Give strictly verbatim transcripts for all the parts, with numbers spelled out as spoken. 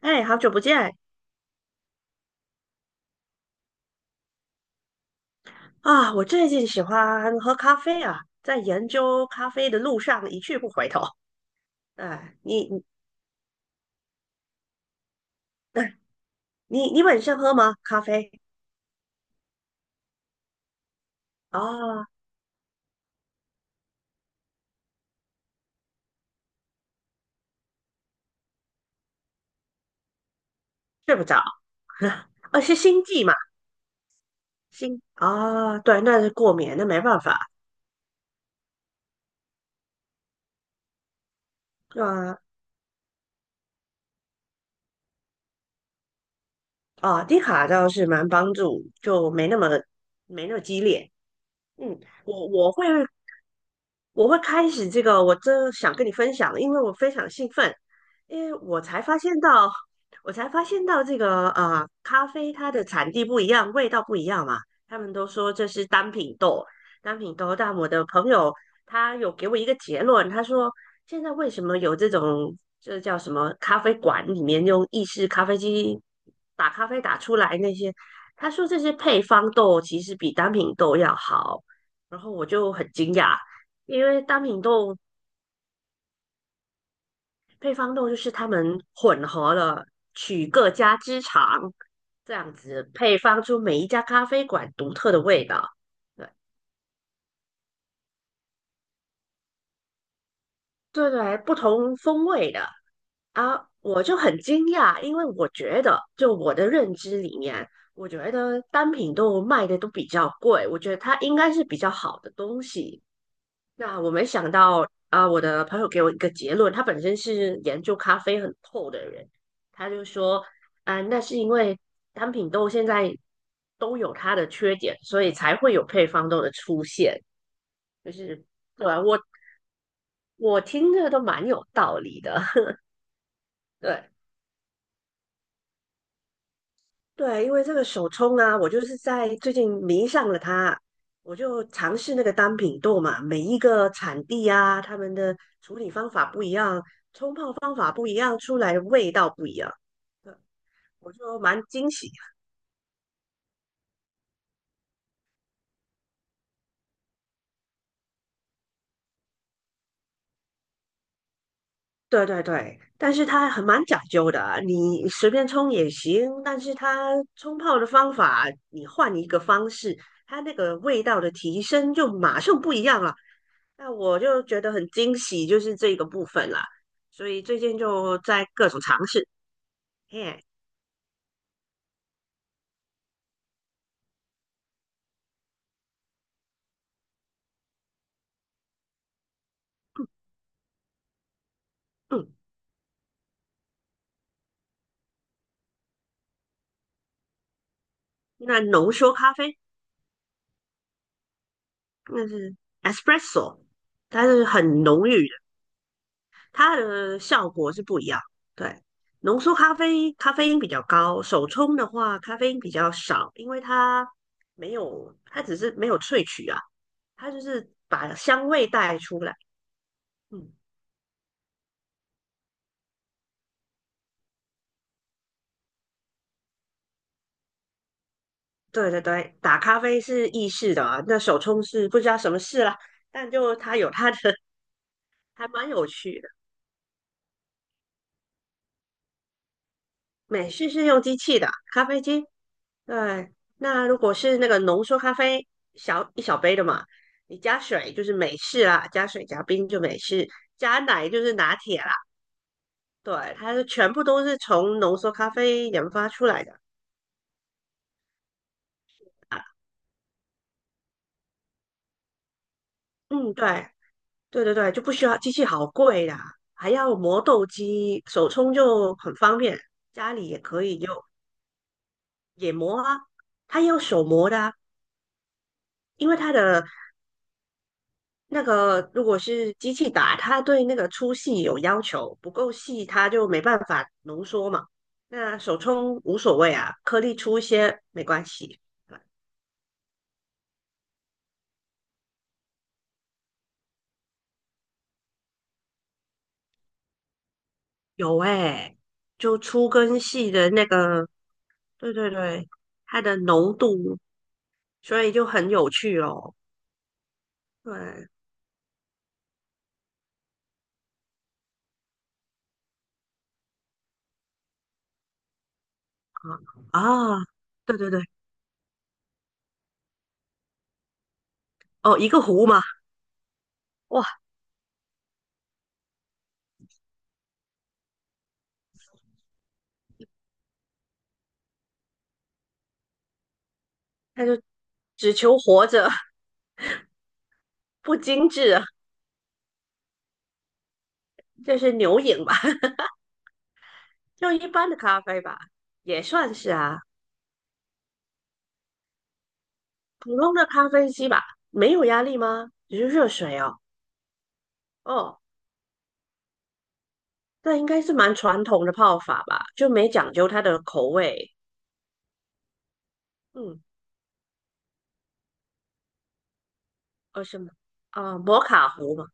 哎，好久不见啊！我最近喜欢喝咖啡啊，在研究咖啡的路上一去不回头。哎，你你哎你你本身喝吗？咖啡啊，睡不着，啊是心悸嘛？心啊，哦对，那是过敏，那没办法。对啊啊，低卡倒是蛮帮助，就没那么没那么激烈。嗯，我我会我会开始这个，我真的想跟你分享了因为我非常兴奋，因为我才发现到，我才发现到这个呃，咖啡它的产地不一样，味道不一样嘛。他们都说这是单品豆，单品豆。但我的朋友他有给我一个结论，他说现在为什么有这种这叫什么咖啡馆里面用意式咖啡机打咖啡打出来那些，他说这些配方豆其实比单品豆要好，然后我就很惊讶。因为单品豆、配方豆就是他们混合了取各家之长，这样子配方出每一家咖啡馆独特的味道。对对对，不同风味的啊，我就很惊讶，因为我觉得就我的认知里面，我觉得单品豆卖的都比较贵，我觉得它应该是比较好的东西。那我没想到啊，我的朋友给我一个结论，他本身是研究咖啡很透的人，他就说，啊，那是因为单品豆现在都有它的缺点，所以才会有配方豆的出现。就是对啊，我我听着都蛮有道理的，对。对，因为这个手冲啊，我就是在最近迷上了它，我就尝试那个单品豆嘛，每一个产地啊，他们的处理方法不一样，冲泡方法不一样，出来的味道不一样，对，我就蛮惊喜。对对对，但是它很蛮讲究的啊你随便冲也行，但是它冲泡的方法，你换一个方式，它那个味道的提升就马上不一样了。那我就觉得很惊喜，就是这个部分啦。所以最近就在各种尝试。嘿，嗯，那浓缩咖啡那是 espresso，它是很浓郁的，它的效果是不一样。对，浓缩咖啡咖啡因比较高，手冲的话咖啡因比较少，因为它没有，它只是没有萃取啊，它就是把香味带出来。嗯，对对对，打咖啡是意式的啊那手冲是不知道什么事啦，但就它有它的，还蛮有趣的。美式是用机器的啊咖啡机。对，那如果是那个浓缩咖啡，小一小杯的嘛，你加水就是美式啦，加水加冰就美式，加奶就是拿铁啦。对，它是全部都是从浓缩咖啡研发出来的啊。嗯，对。对对对，就不需要机器，好贵啦，还要磨豆机，手冲就很方便，家里也可以有也磨啊，它要手磨的啊，因为它的那个如果是机器打，它对那个粗细有要求，不够细它就没办法浓缩嘛。那手冲无所谓啊，颗粒粗一些没关系。呃有哎、就粗跟细的那个，对对对，它的浓度，所以就很有趣哦。对。啊啊，对对对，哦，一个湖嘛，哇，他就只求活着，不精致，这是牛饮吧？就一般的咖啡吧，也算是啊，普通的咖啡机吧，没有压力吗？只是热水哦，哦，那应该是蛮传统的泡法吧，就没讲究它的口味。嗯，哦什么啊，摩卡壶嘛，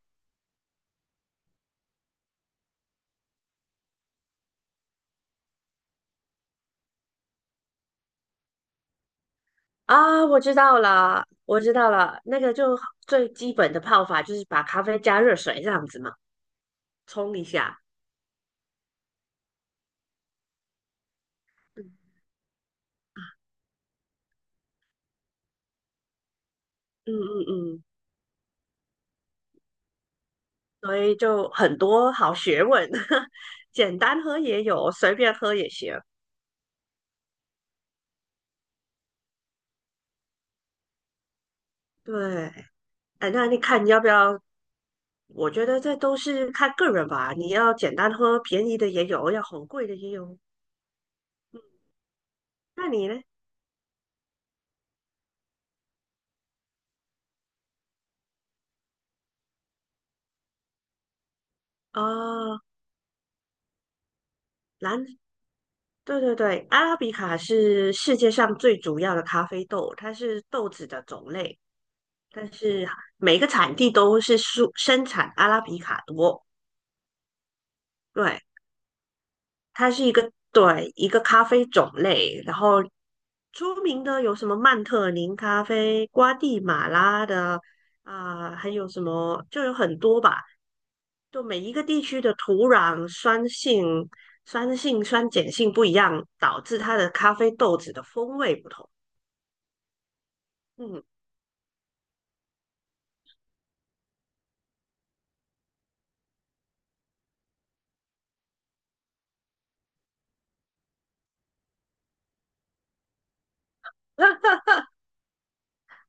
啊，我知道了，我知道了，那个就最基本的泡法就是把咖啡加热水这样子嘛，冲一下。嗯嗯嗯嗯，所以就很多好学问，简单喝也有，随便喝也行。对，哎，那你看你要不要？我觉得这都是看个人吧。你要简单喝，便宜的也有，要很贵的也有。那你呢？啊，蓝，对对对，阿拉比卡是世界上最主要的咖啡豆，它是豆子的种类，但是每个产地都是生生产阿拉比卡多。对，它是一个对一个咖啡种类，然后出名的有什么曼特宁咖啡、瓜地马拉的啊、还有什么就有很多吧。就每一个地区的土壤酸性、酸性、酸碱性不一样，导致它的咖啡豆子的风味不同。嗯，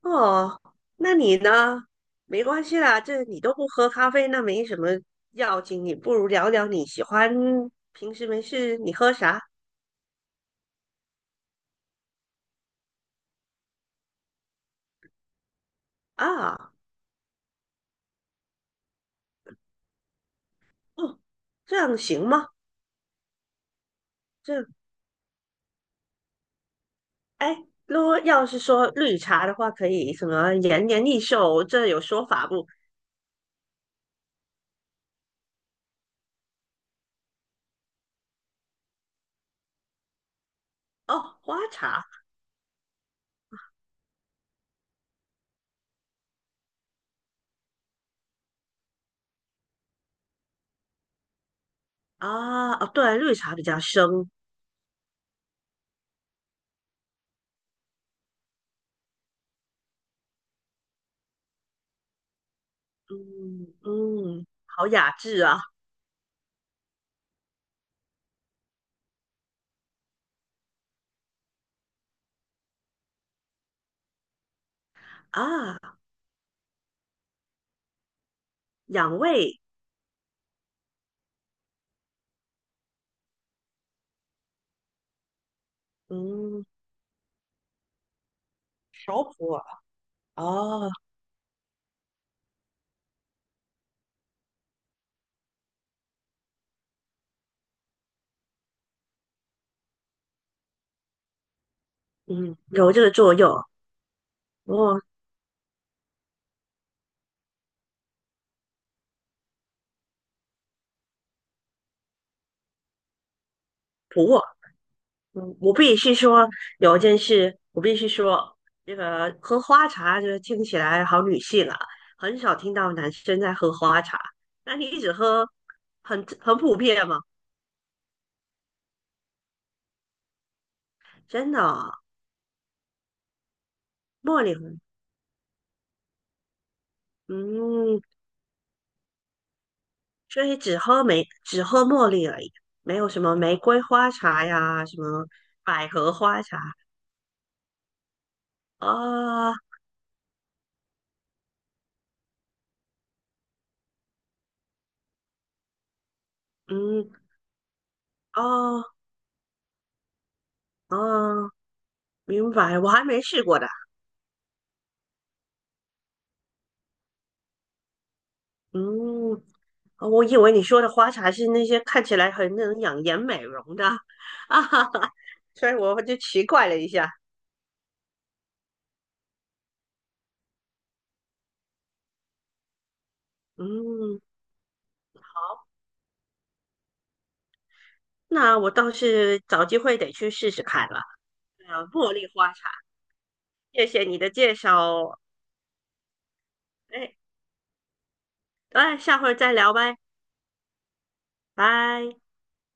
哦，那你呢？没关系啦，这你都不喝咖啡，那没什么要紧。你不如聊聊你喜欢平时没事你喝啥？啊，哦，这样行吗？这样哎，如果要是说绿茶的话，可以什么延年益寿，这有说法不？哦，花茶啊，哦，对，绿茶比较生，嗯嗯，好雅致啊啊，养胃，嗯，熟普洱，哦，嗯，有这个作用，哦，普洱，嗯，我必须说有一件事，我必须说，这个喝花茶就是听起来好女性啊，很少听到男生在喝花茶。那你一直喝很很普遍吗？真的啊茉莉红嗯，所以只喝玫只喝茉莉而已，没有什么玫瑰花茶呀，什么百合花茶啊，嗯，哦哦，明白，我还没试过的，嗯，哦我以为你说的花茶是那些看起来很能养颜美容的 啊，哈哈，所以我就奇怪了一下。嗯，那我倒是找机会得去试试看了。呃，茉莉花茶，谢谢你的介绍哦。哎，哎，下回再聊呗，拜。